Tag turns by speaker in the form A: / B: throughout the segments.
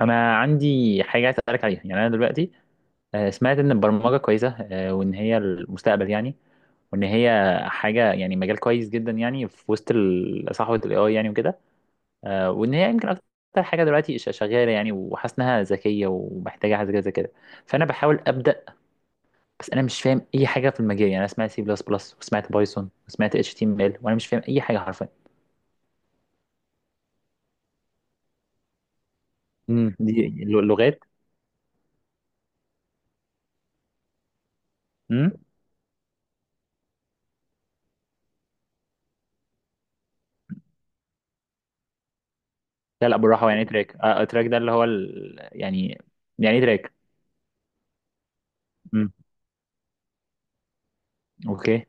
A: انا عندي حاجه عايز اسالك عليها، يعني انا دلوقتي سمعت ان البرمجه كويسه، وان هي المستقبل يعني، وان هي حاجه يعني مجال كويس جدا يعني، في وسط صحوه الاي اي يعني، وكده. وان هي يمكن اكتر حاجه دلوقتي شغاله يعني، وحاسس انها ذكيه ومحتاجه حاجه زي كده. فانا بحاول ابدا، بس انا مش فاهم اي حاجه في المجال. يعني انا سمعت سي بلس بلس، وسمعت بايثون، وسمعت اتش تي ام ال، وانا مش فاهم اي حاجه حرفيا. امم، دي لغات. امم. لا لا، بالراحه. يعني تراك، تراك ده اللي هو يعني، يعني إيه تراك؟ امم. اوكي.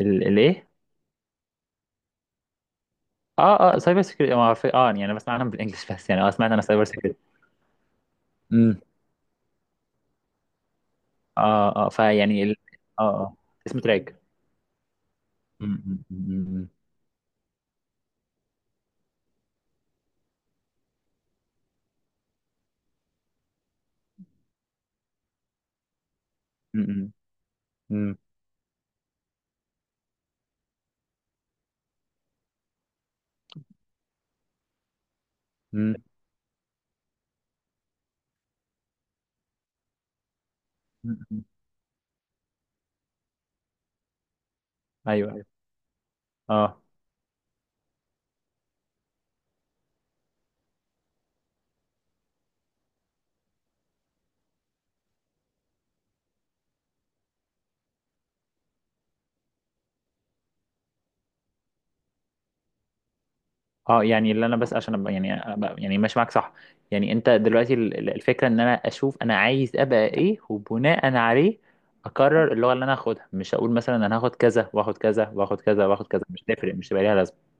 A: الايه؟ اه اه، سايبر سكيورتي. يعني انا بسمع عنها بالانجلش بس. يعني سمعت انا سايبر سكيورتي. امم. اه اه، فيعني اه اه، اسمه تراك. امم. امم. امم. امم. امم. امم. ايوه ايوه. اه اه. يعني اللي انا بس عشان ابقى، يعني أبقى يعني ماشي معاك، صح؟ يعني انت دلوقتي، الفكره ان انا اشوف انا عايز ابقى ايه، وبناء عليه اقرر اللغه اللي انا هاخدها. مش هقول مثلا انا هاخد كذا واخد كذا واخد كذا واخد كذا، مش تفرق، مش هيبقى ليها لازمه.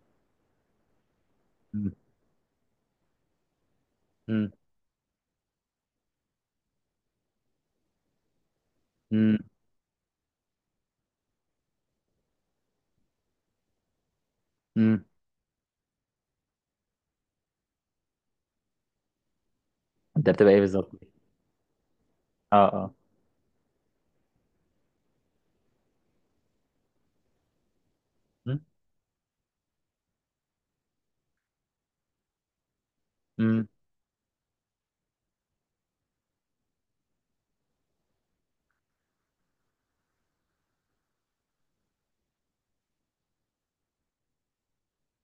A: امم. امم. امم. انت بتبقى ايه بالظبط؟ اه اه. مم. امم.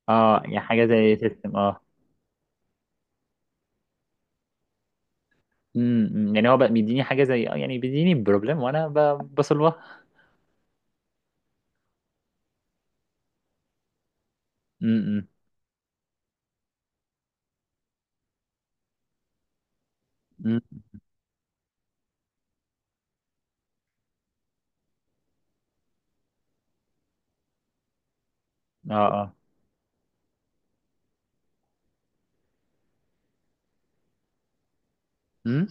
A: اه، يعني حاجة زي سيستم. اه امم. أمم. يعني هو بقى بيديني حاجه زي، يعني بيديني بروبلم وانا بصلها. امم. امم. اه اه. امم.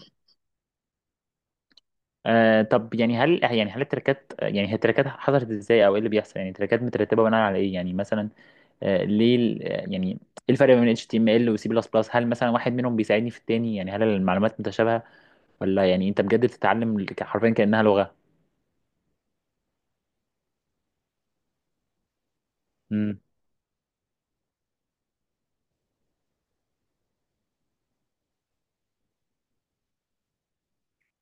A: طب، يعني هل، يعني هل التراكات، يعني هي التراكات حصلت ازاي، او ايه اللي بيحصل؟ يعني التراكات مترتبه بناء على ايه؟ يعني مثلا، آه ليه ال- آه، يعني ايه الفرق بين اتش تي ام ال وسي بلس بلس؟ هل مثلا واحد منهم بيساعدني في التاني؟ يعني هل المعلومات متشابهه، ولا يعني انت بجد بتتعلم حرفيا كانها لغه؟ امم.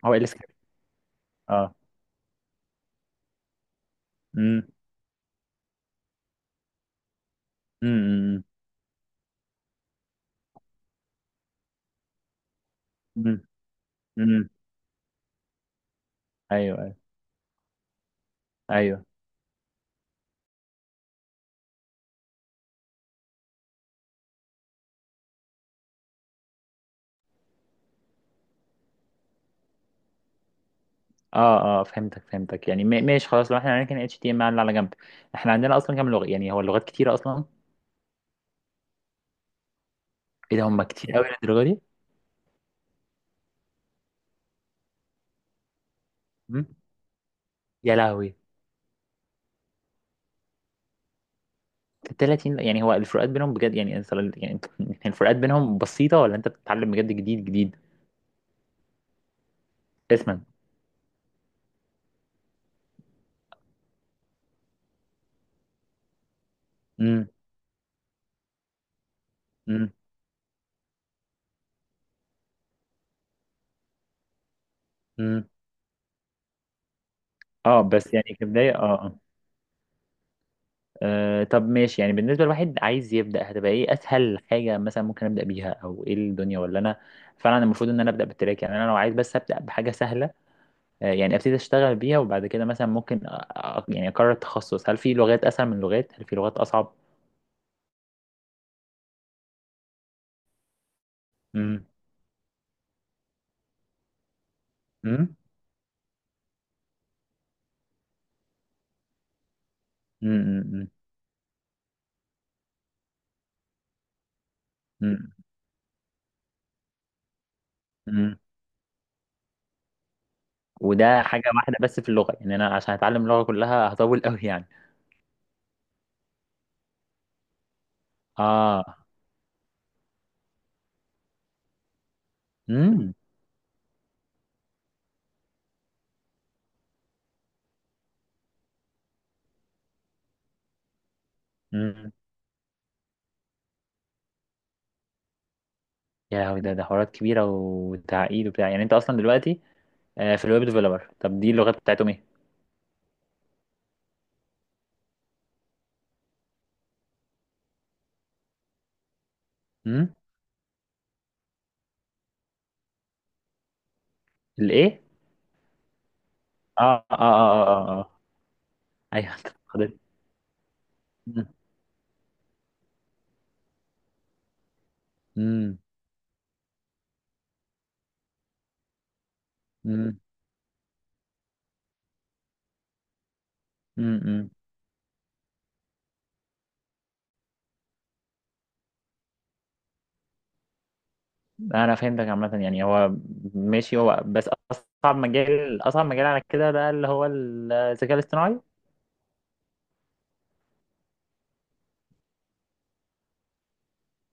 A: هو ايه السكريبت؟ اه. امم. امم. امم. امم. ايوه ايوه ايوه. اه اه، فهمتك فهمتك. يعني ماشي خلاص، لو احنا هنركن اتش تي ام ال على جنب، احنا عندنا اصلا كام لغه؟ يعني هو اللغات كتيره اصلا؟ ايه ده، هم كتير قوي للدرجه دي؟ مم. يا لهوي. 30؟ يعني هو الفروقات بينهم بجد، يعني انت يعني الفروقات بينهم بسيطه، ولا انت بتتعلم بجد جديد جديد؟ اسما. امم. امم. امم. اه، بس يعني كبدايه. اه آه. أه طب ماشي، يعني بالنسبة لواحد عايز يبدأ، هتبقى ايه أسهل حاجة مثلا ممكن أبدأ بيها، أو ايه الدنيا؟ ولا أنا فعلا المفروض إن أنا أبدأ بالتراك؟ يعني أنا لو عايز بس أبدأ بحاجة سهلة، أه يعني أبتدي أشتغل بيها، وبعد كده مثلا ممكن يعني أقرر التخصص. هل في لغات أسهل من لغات؟ هل في لغات أصعب؟ امم. امم. امم. امم. امم. وده حاجة واحدة بس في اللغة، يعني أنا عشان أتعلم اللغة كلها هطول أوي يعني. آه. امم. امم. يا لهوي، ده حوارات كبيرة وتعقيد وبتاع. يعني أنت أصلا دلوقتي، في الويب ديفلوبر، طب دي اللغات بتاعتهم ايه؟ امم. الايه؟ اه اه اه اه اه. آه. ايوه حضرتك. امم. امم. امم. انا فهمتك عامه. يعني هو ماشي، هو بس اصعب مجال، اصعب مجال على كده بقى اللي هو الذكاء الاصطناعي؟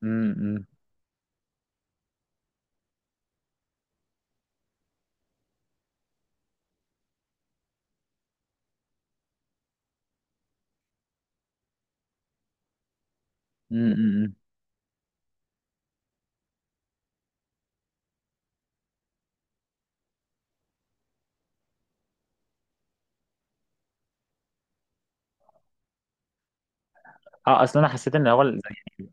A: امم. امم. اه، اصل انا حسيت ان هو زي.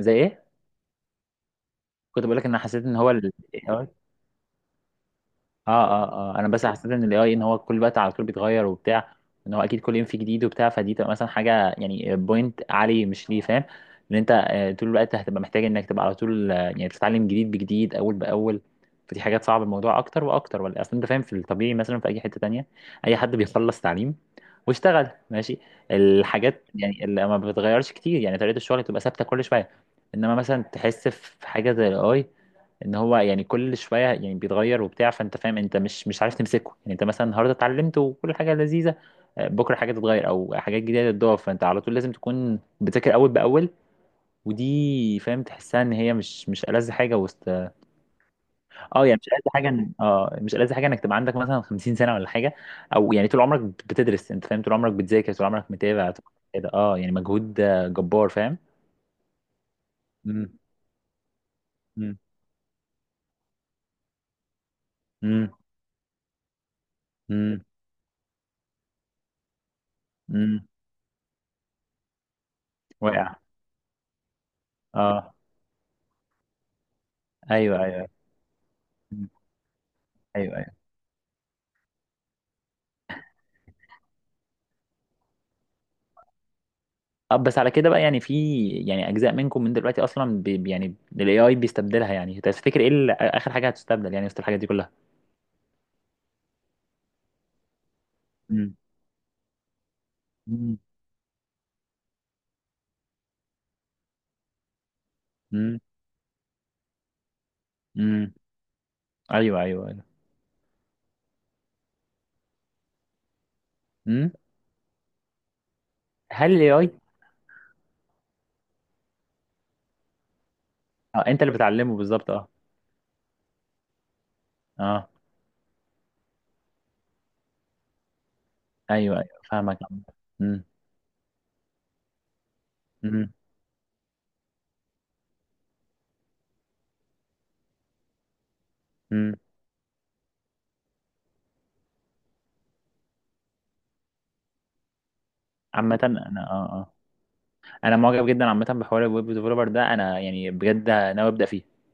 A: زي ايه؟ كنت بقول لك ان أنا حسيت ان هو اه اه اه، انا بس حسيت ان الاي اي، ان هو كل وقت على طول بيتغير وبتاع، ان هو اكيد كل يوم في جديد وبتاع. فدي تبقى مثلا حاجه يعني بوينت عالي، مش ليه؟ فاهم ان انت طول الوقت هتبقى محتاج انك تبقى على طول، يعني تتعلم جديد بجديد اول باول. فدي حاجات صعبه الموضوع اكتر واكتر، ولا؟ اصل انت فاهم، في الطبيعي مثلا في اي حته تانية، اي حد بيخلص تعليم واشتغل ماشي، الحاجات يعني اللي ما بتتغيرش كتير، يعني طريقه الشغل بتبقى ثابته كل شويه. انما مثلا تحس في حاجه زي الاي، ان هو يعني كل شويه يعني بيتغير وبتاع، فانت فاهم، انت مش عارف تمسكه. يعني انت مثلا النهارده اتعلمت وكل حاجه لذيذه، بكره حاجه تتغير او حاجات جديده تضاف، فانت على طول لازم تكون بتذاكر اول باول. ودي فاهم، تحسها ان هي مش ألذ حاجه وسط. اه يعني مش ألذ حاجه ان، مش ألذ حاجه انك تبقى عندك مثلا 50 سنه ولا حاجه، او يعني طول عمرك بتدرس. انت فاهم، طول عمرك بتذاكر، طول عمرك متابع، طول عمرك كده. اه يعني مجهود، جبار، فاهم؟ امم. امم. امم. امم. واقع. اه. ايوه ايوه. امم. ايوه ايوه. طب بس على كده بقى، يعني في، يعني اجزاء منكم من دلوقتي اصلا يعني الاي اي بيستبدلها. يعني تفتكر ايه اخر حاجه هتستبدل يعني وسط الحاجات دي كلها؟ مم. مم. امم. امم. ايوه ايوه ايوه. امم. هل الاي اي؟ اه، انت اللي بتعلمه بالظبط، اه. اه، ايوه ايوه، فاهمك. امم. امم. امم. عامه انا، انا معجب جدا عامه بحوار الويب ديفلوبر ده. انا يعني بجد ناوي ابدا فيه.